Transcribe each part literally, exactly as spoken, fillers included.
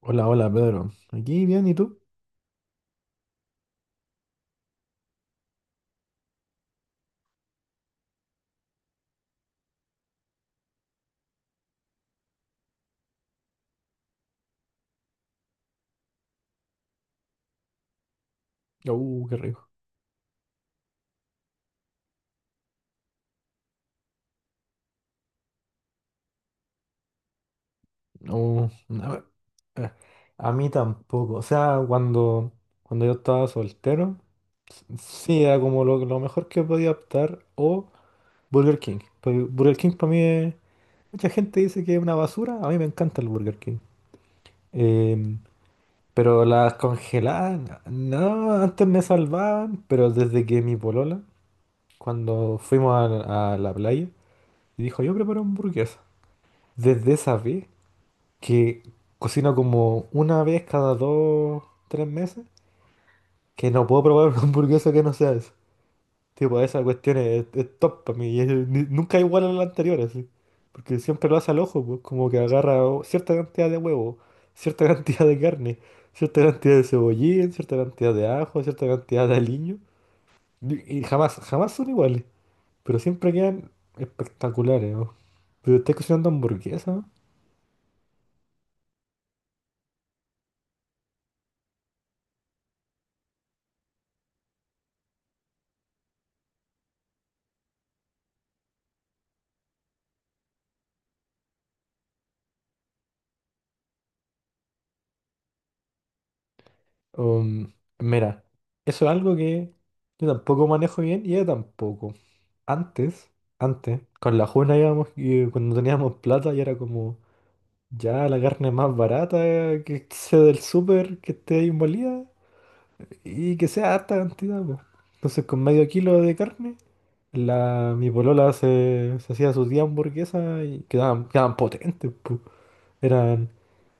Hola, hola, Pedro. Aquí bien, ¿y tú? Uh, qué rico. Uh, no, eh, a mí tampoco. O sea, cuando, cuando yo estaba soltero, s- sí, era como lo, lo mejor que podía optar. O Burger King. Pero Burger King para mí es. Mucha gente dice que es una basura. A mí me encanta el Burger King. Em, pero las congeladas, no, antes me salvaban, pero desde que mi polola, cuando fuimos a, a la playa, dijo, yo preparo hamburguesa. Desde esa vez, que cocino como una vez cada dos, tres meses, que no puedo probar una hamburguesa que no sea esa. Tipo, esa cuestión es, es top para mí y es- ni- nunca es igual a la anterior, así. Porque siempre lo hace al ojo, pues, como que agarra o- cierta cantidad de huevo, cierta cantidad de carne, cierta cantidad de cebollín, cierta cantidad de ajo, cierta cantidad de aliño. Y, y jamás, jamás son iguales, pero siempre quedan espectaculares, ¿no? Pero estás cocinando hamburguesas. Um, mira, eso es algo que yo tampoco manejo bien y ella tampoco. Antes, antes, con la Juna íbamos y eh, cuando teníamos plata y era como ya la carne más barata, eh, que sea del súper, que esté ahí molida y que sea harta cantidad, po. Entonces con medio kilo de carne, la, mi polola se, se hacía sus diez hamburguesas y quedaban, quedaban potentes, eran,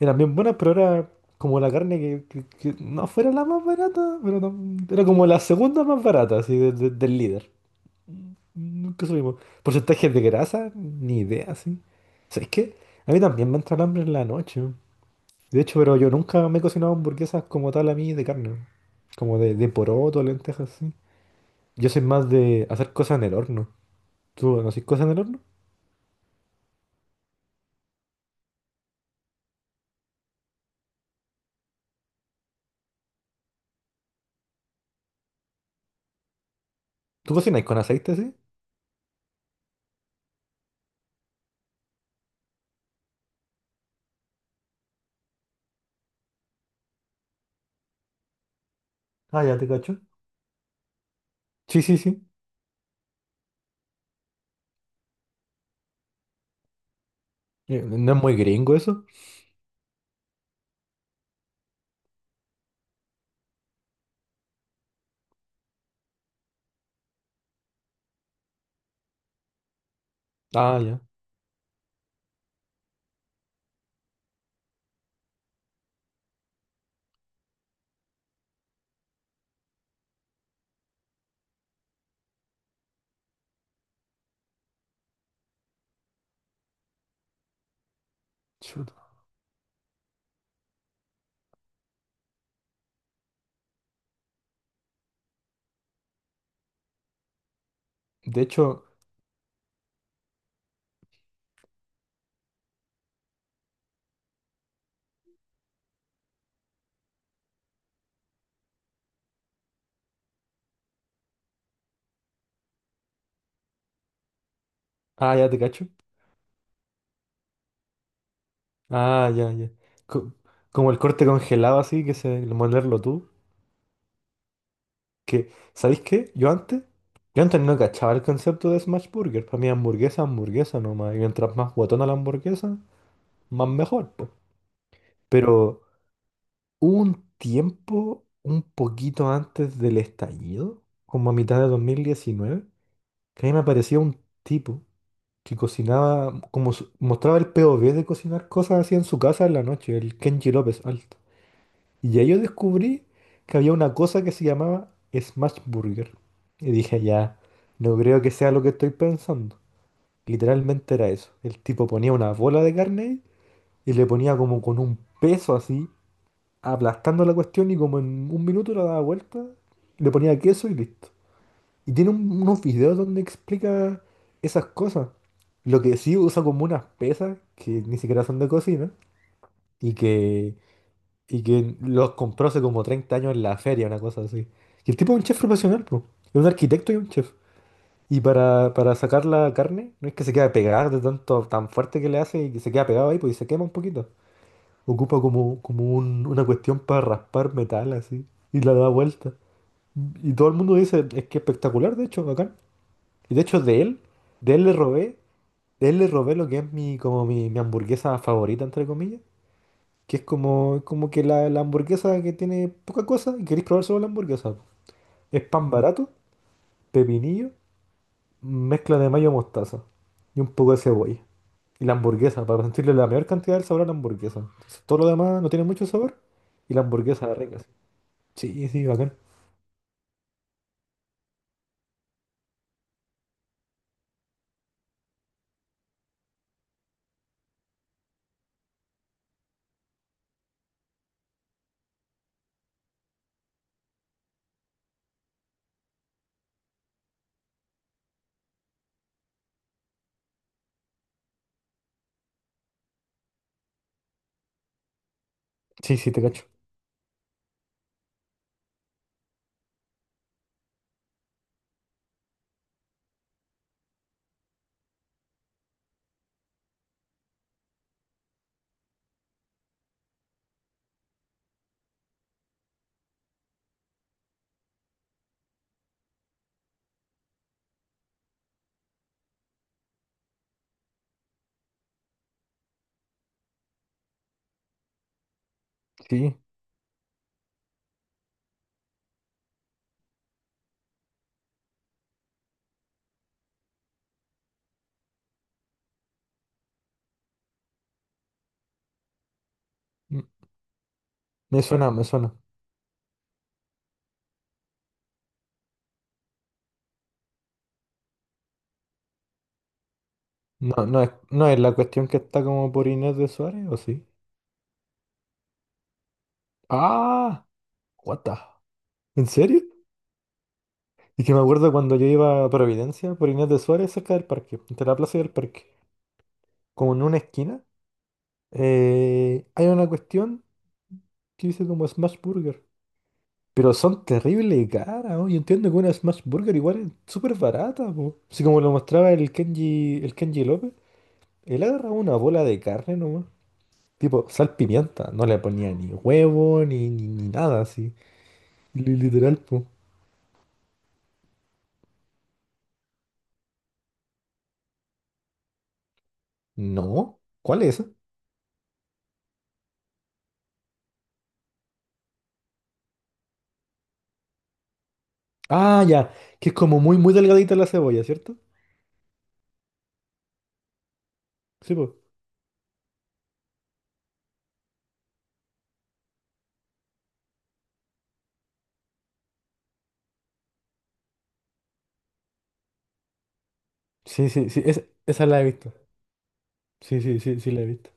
eran bien buenas, pero era como la carne que, que- que no fuera la más barata, pero tam- era como la segunda más barata, así, de- de- del líder. Nunca subimos. Porcentajes de grasa, ni idea, sí. ¿Sabes qué? A mí también me entra el hambre en la noche. De hecho, pero yo nunca me he cocinado hamburguesas como tal a mí de carne. Como de, de poroto, lentejas, así. Yo soy más de hacer cosas en el horno. ¿Tú no haces cosas en el horno? ¿Tú cocinas con aceite, sí? Ah, ya te cacho. Sí, sí, sí. Eh, No es muy gringo eso. Ah, ya. Chuta. De hecho, ah, ya te cacho. Ah, ya, ya. Co- como el corte congelado así, que se molerlo tú. Que, ¿sabéis qué? Yo antes, yo antes no cachaba el concepto de smash burger. Para mí hamburguesa, hamburguesa nomás. Y mientras más guatona la hamburguesa, más mejor, po. Pero hubo un tiempo, un poquito antes del estallido, como a mitad de dos mil diecinueve, que a mí me aparecía un tipo que cocinaba, como su- mostraba el P O V de cocinar cosas así en su casa en la noche, el Kenji López Alto. Y ahí yo descubrí que había una cosa que se llamaba Smash Burger. Y dije, ya, no creo que sea lo que estoy pensando. Literalmente era eso. El tipo ponía una bola de carne ahí y le ponía como con un peso así, aplastando la cuestión y como en un minuto la daba vuelta, le ponía queso y listo. Y tiene un- unos videos donde explica esas cosas. Lo que sí usa como unas pesas que ni siquiera son de cocina y que, y que los compró hace como treinta años en la feria, una cosa así. Y el tipo es un chef profesional, po. Es un arquitecto y un chef. Y para, para sacar la carne, no es que se queda pegada de tanto, tan fuerte que le hace y que se queda pegado ahí, pues y se quema un poquito. Ocupa como, como un- una cuestión para raspar metal así y la da vuelta. Y todo el mundo dice, es que espectacular, de hecho, bacán. Y de hecho de él, de él le robé, de él le robé lo que es mi, como mi, mi hamburguesa favorita, entre comillas. Que es como, como que la, la hamburguesa que tiene poca cosa y queréis probar solo la hamburguesa. Es pan barato, pepinillo, mezcla de mayo mostaza y un poco de cebolla. Y la hamburguesa, para sentirle la mayor cantidad del sabor a la hamburguesa. Entonces, todo lo demás no tiene mucho sabor y la hamburguesa es rica. Sí, sí, sí, bacán. Sí, sí, te cacho. Sí. Mm, Me suena, me suena. No, no es, no es la cuestión que está como por Inés de Suárez, ¿o sí? Ah, what the- ¿en serio? Y que me acuerdo cuando yo iba a Providencia por Inés de Suárez cerca del parque, entre la plaza y el parque, como en una esquina, eh, hay una cuestión que dice como Smash Burger. Pero son terrible caras, ¿no? Yo entiendo que una Smash Burger igual es súper barata, po. Así como lo mostraba el Kenji, el Kenji López, él agarraba una bola de carne nomás. Tipo, sal pimienta, no le ponía ni huevo, ni, ni, ni nada así. Li- Literal, po. No, ¿cuál es? Ah, ya. Que es como muy, muy delgadita la cebolla, ¿cierto? Sí, pues. Sí, sí, sí. es- esa la he visto. Sí, sí, sí, sí la he visto.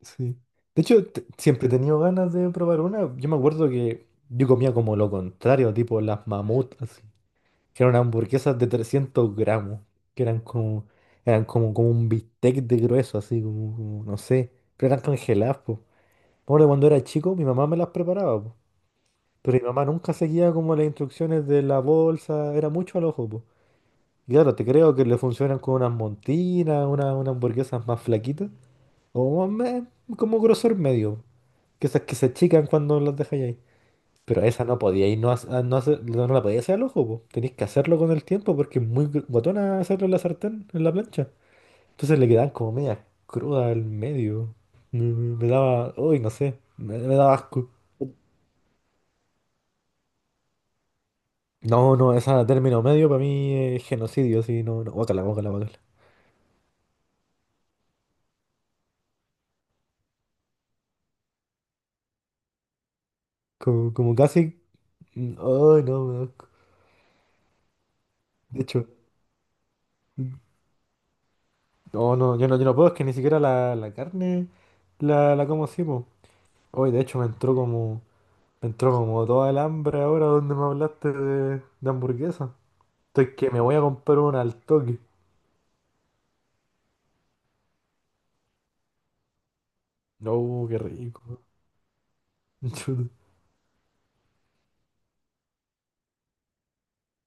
Sí. De hecho, te- siempre he tenido ganas de probar una. Yo me acuerdo que yo comía como lo contrario, tipo las mamut, así. Que eran hamburguesas de trescientos gramos. Que eran como, eran como, como un bistec de grueso, así, como, como, no sé. Pero eran congeladas, pues. Me acuerdo cuando era chico, mi mamá me las preparaba, po. Pero mi mamá nunca seguía como las instrucciones de la bolsa, era mucho al ojo. Y claro, te creo que le funcionan con unas montinas, una- unas hamburguesas más flaquitas, o más me- como grosor medio, que esas que se achican cuando las dejáis ahí. Pero esa no podía ir, no, hace- no, hace- no la podía hacer al ojo, po. Tenéis que hacerlo con el tiempo porque es muy gr- guatona hacerlo en la sartén, en la plancha. Entonces le quedaban como media cruda al medio. Me, me- me daba, uy, no sé, me, me daba asco. No, no, esa término medio para mí es genocidio, sí, no, no, bócala, bócala, bócala. Como, como casi. Mm, Ay, no, me da asco. De hecho, mm, no, no, yo no, yo no puedo, es que ni siquiera la, la carne la, la como así, po. Hoy, de hecho, me entró como, me entró como toda el hambre ahora donde me hablaste de, de hamburguesa. Estoy que me voy a comprar una al toque. No, qué rico. Chuta.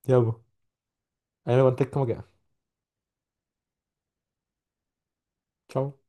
Ya, pues. Ahí me contés cómo queda. Chao.